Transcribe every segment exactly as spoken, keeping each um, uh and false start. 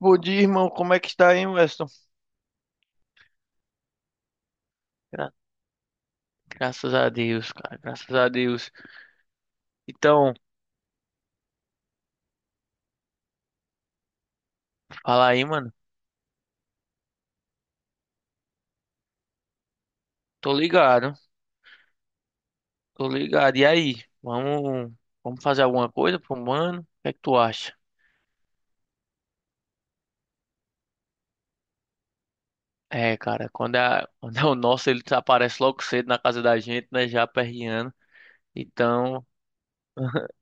Bom dia, irmão. Como é que está aí, Weston? Gra- Graças a Deus, cara. Graças a Deus. Então, fala aí, mano. Tô ligado. Tô ligado. E aí? Vamos, vamos fazer alguma coisa pro mano? O que é que tu acha? É, cara, quando é, quando é o nosso, ele aparece logo cedo na casa da gente, né? Já perreando. Então,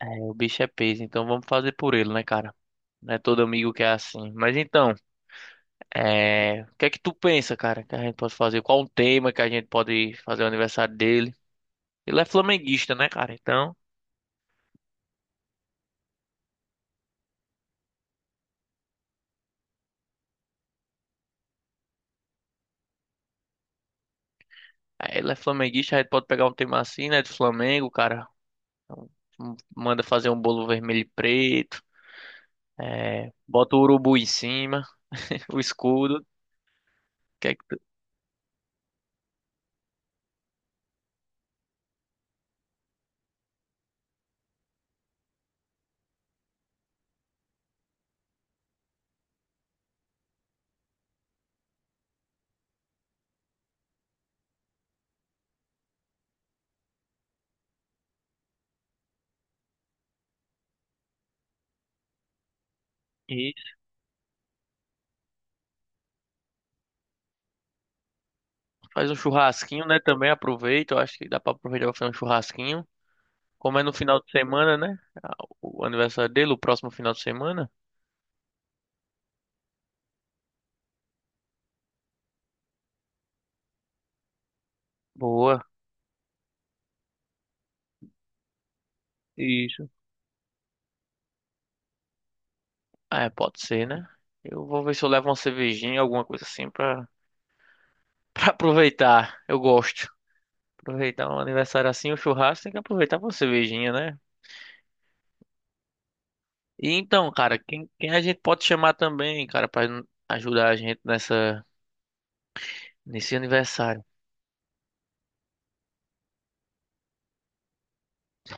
é, o bicho é peso. Então vamos fazer por ele, né, cara? Não é todo amigo que é assim. Mas então, é, o que é que tu pensa, cara, que a gente pode fazer? Qual o tema que a gente pode fazer o aniversário dele? Ele é flamenguista, né, cara? Então, é, ele é flamenguista, a gente pode pegar um tema assim, né, de Flamengo, cara. Então, m- manda fazer um bolo vermelho e preto, é, bota o urubu em cima, o escudo, que é que tu- e faz um churrasquinho, né, também aproveita. Eu acho que dá pra aproveitar pra fazer um churrasquinho. Como é no final de semana, né, a- o aniversário dele, o próximo final de semana. Boa, isso. Ah, é, pode ser, né? Eu vou ver se eu levo uma cervejinha, alguma coisa assim pra, pra aproveitar. Eu gosto. Aproveitar um aniversário assim, um churrasco, tem que aproveitar com uma cervejinha, né? E então, cara, quem, quem a gente pode chamar também, cara, pra ajudar a gente nessa, nesse aniversário?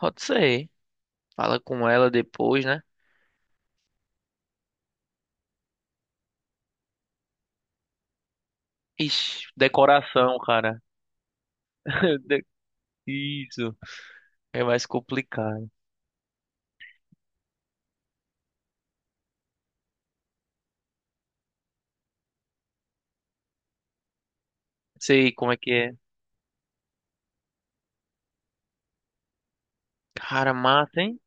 Pode ser. Fala com ela depois, né? Ixi, decoração, cara. De- Isso. É mais complicado. Sei como é que é. Cara, mata, hein?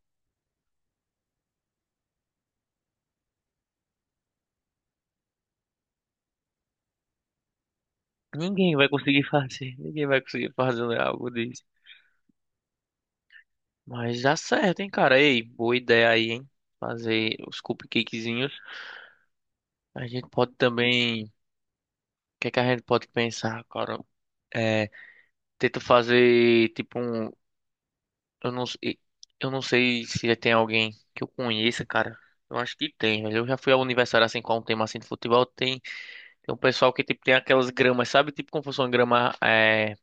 Ninguém vai conseguir fazer. Ninguém vai conseguir fazer um algo disso. Mas dá certo, hein, cara? Ei, boa ideia aí, hein? Fazer os cupcakezinhos. A gente pode também. Que é que a gente pode pensar, cara? É, tento fazer tipo um, eu não, sei- eu não sei se tem alguém que eu conheça, cara. Eu acho que tem, mas eu já fui ao aniversário assim com um tema assim de futebol, tem, tem um pessoal que tipo tem aquelas gramas, sabe? Tipo como fosse uma grama é,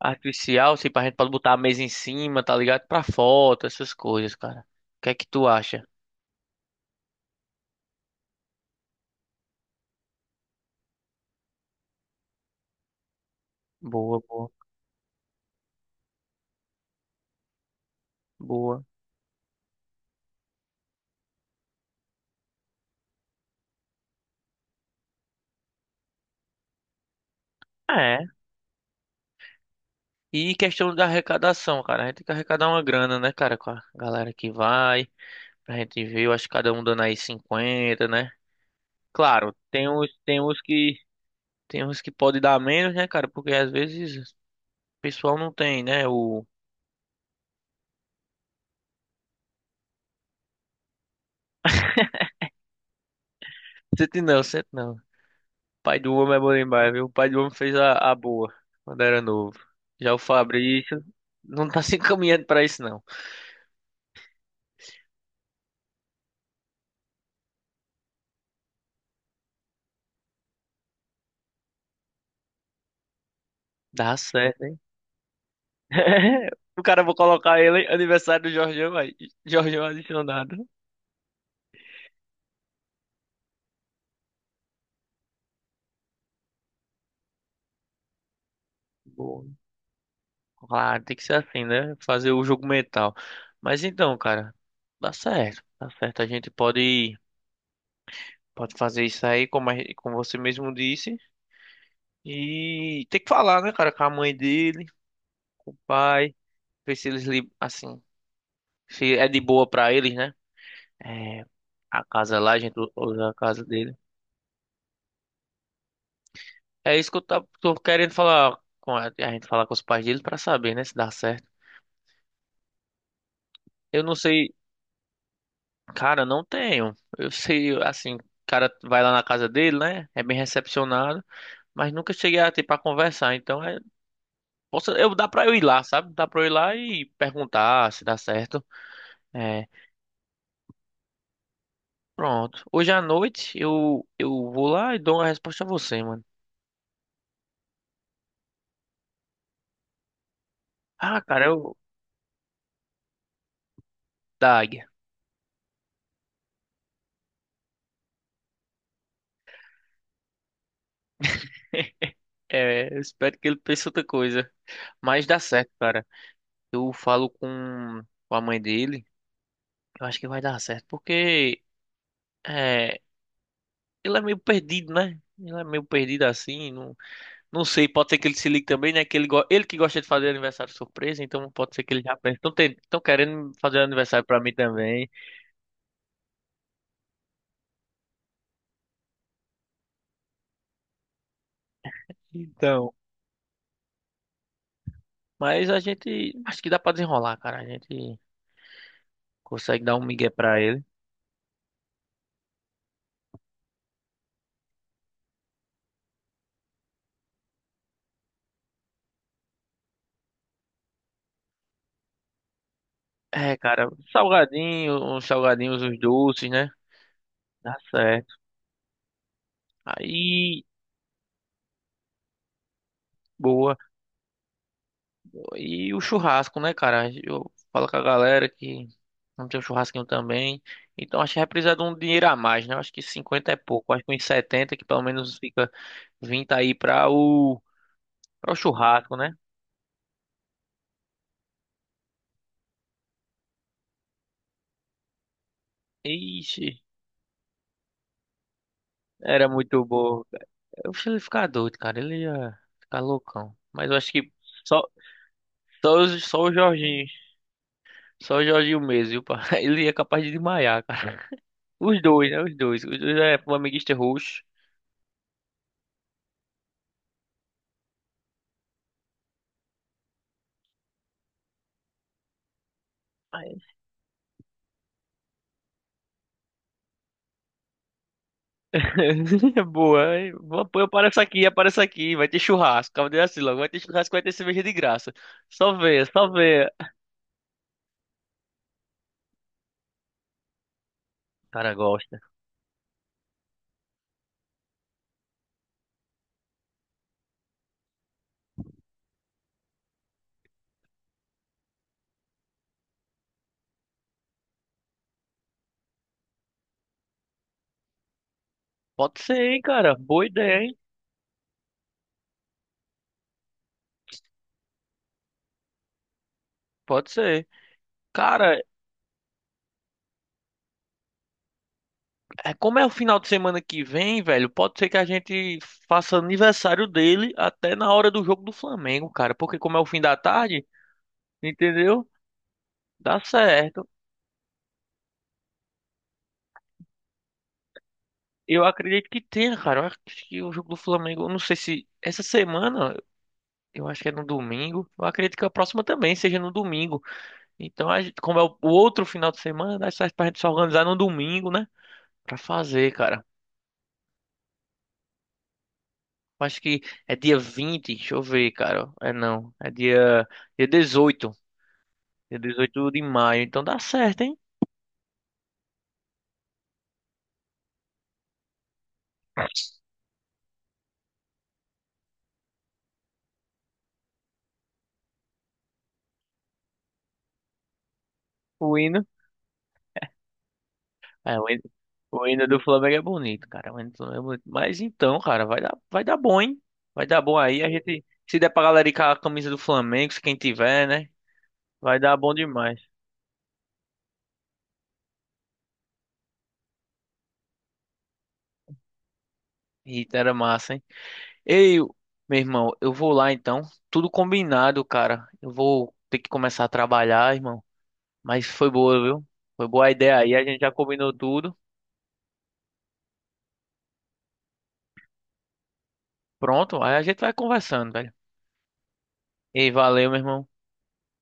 artificial, assim, pra gente pode botar a mesa em cima, tá ligado? Pra foto, essas coisas, cara. O que é que tu acha? Boa, boa, boa. É. E questão da arrecadação, cara. A gente tem que arrecadar uma grana, né, cara, com a galera que vai. Pra gente ver, eu acho que cada um dando aí cinquenta, né? Claro, tem uns, tem uns que, tem uns que pode dar menos, né, cara? Porque às vezes o pessoal não tem, né? O. Sente não, sente não. Pai do homem é bom demais, viu? O pai do homem fez a, a boa quando era novo. Já o Fabrício não tá se encaminhando pra isso, não. Dá certo, hein? O cara, eu vou colocar ele, hein? Aniversário do Jorgão, aí. Jorgão adicionado. Boa. Claro, tem que ser assim, né? Fazer o jogo mental. Mas então, cara, dá certo, dá certo. A gente pode, pode fazer isso aí, como, a gen- como você mesmo disse. E tem que falar, né, cara, com a mãe dele, com o pai, ver se eles, li- assim, se é de boa pra eles, né? É, a casa lá, a gente u- usa a casa dele. É isso que eu tá- tô, querendo falar com a, a gente falar com os pais dele pra saber, né, se dá certo. Eu não sei. Cara, não tenho. Eu sei, assim, o cara vai lá na casa dele, né? É bem recepcionado, mas nunca cheguei a ter pra conversar. Então, é, posso, eu dá pra eu ir lá, sabe? Dá pra eu ir lá e perguntar se dá certo. É, pronto. Hoje à noite eu eu vou lá e dou uma resposta a você, mano. Ah, cara, eu da Águia. É, eu espero que ele pense outra coisa, mas dá certo, cara. Eu falo com, com a mãe dele. Eu acho que vai dar certo, porque é, Ele é meio perdido, né? Ele é meio perdido assim, não, não sei, pode ser que ele se ligue também, né? Que ele, go- ele que gosta de fazer aniversário surpresa, então pode ser que ele já pense, estão querendo fazer aniversário pra mim também. Então, mas a gente, acho que dá pra desenrolar, cara, a gente consegue dar um migué pra ele. É, cara, salgadinho, uns salgadinhos, uns doces, né? Dá certo. Aí, boa. E o churrasco, né, cara? Eu falo com a galera que não tem um churrasquinho também. Então acho que vai precisar de um dinheiro a mais, né? Eu acho que cinquenta é pouco. Acho que uns setenta, que pelo menos fica vinte aí pra o, pra o churrasco, né? Ixi, era muito bom. Eu acho que ele ia ficar doido, cara. Ele ia ficar loucão. Mas eu acho que só, só, os- só o Jorginho. Só o Jorginho mesmo, viu? Pá? Ele é capaz de desmaiar, cara. Os dois, né? Os dois. Os dois é um amiguista roxo. Boa, hein? Vou- eu apareço aqui, apareço aqui, vai ter churrasco. Acaba de assim logo, vai ter churrasco, vai ter cerveja de graça. Só vê, só vê. Cara, gosta. Pode ser, hein, cara. Boa ideia, hein? Pode ser. Cara, é- como é o final de semana que vem, velho, pode ser que a gente faça aniversário dele até na hora do jogo do Flamengo, cara. Porque como é o fim da tarde, entendeu? Dá certo. Eu acredito que tenha, cara. Eu acho que o jogo do Flamengo, eu não sei se essa semana. Eu acho que é no domingo. Eu acredito que a próxima também seja no domingo. Então, a gente- como é o o outro final de semana, dá certo pra gente se organizar no domingo, né? Pra fazer, cara. Eu acho que é dia vinte, deixa eu ver, cara. É não, é dia, dia dezoito, dia dezoito de maio. Então dá certo, hein? O hino. É, o hino, o hino, do Flamengo é bonito, cara. O hino do Flamengo é bonito. Mas então, cara, vai dar, vai dar bom, hein? Vai dar bom aí. A gente, se der pra galera ir com a camisa do Flamengo, se quem tiver, né? Vai dar bom demais. Eita, era massa, hein? Ei, eu- meu irmão, eu vou lá então. Tudo combinado, cara. Eu vou ter que começar a trabalhar, irmão. Mas foi boa, viu? Foi boa a ideia aí. A gente já combinou tudo. Pronto, aí a gente vai conversando, velho. Ei, valeu, meu irmão.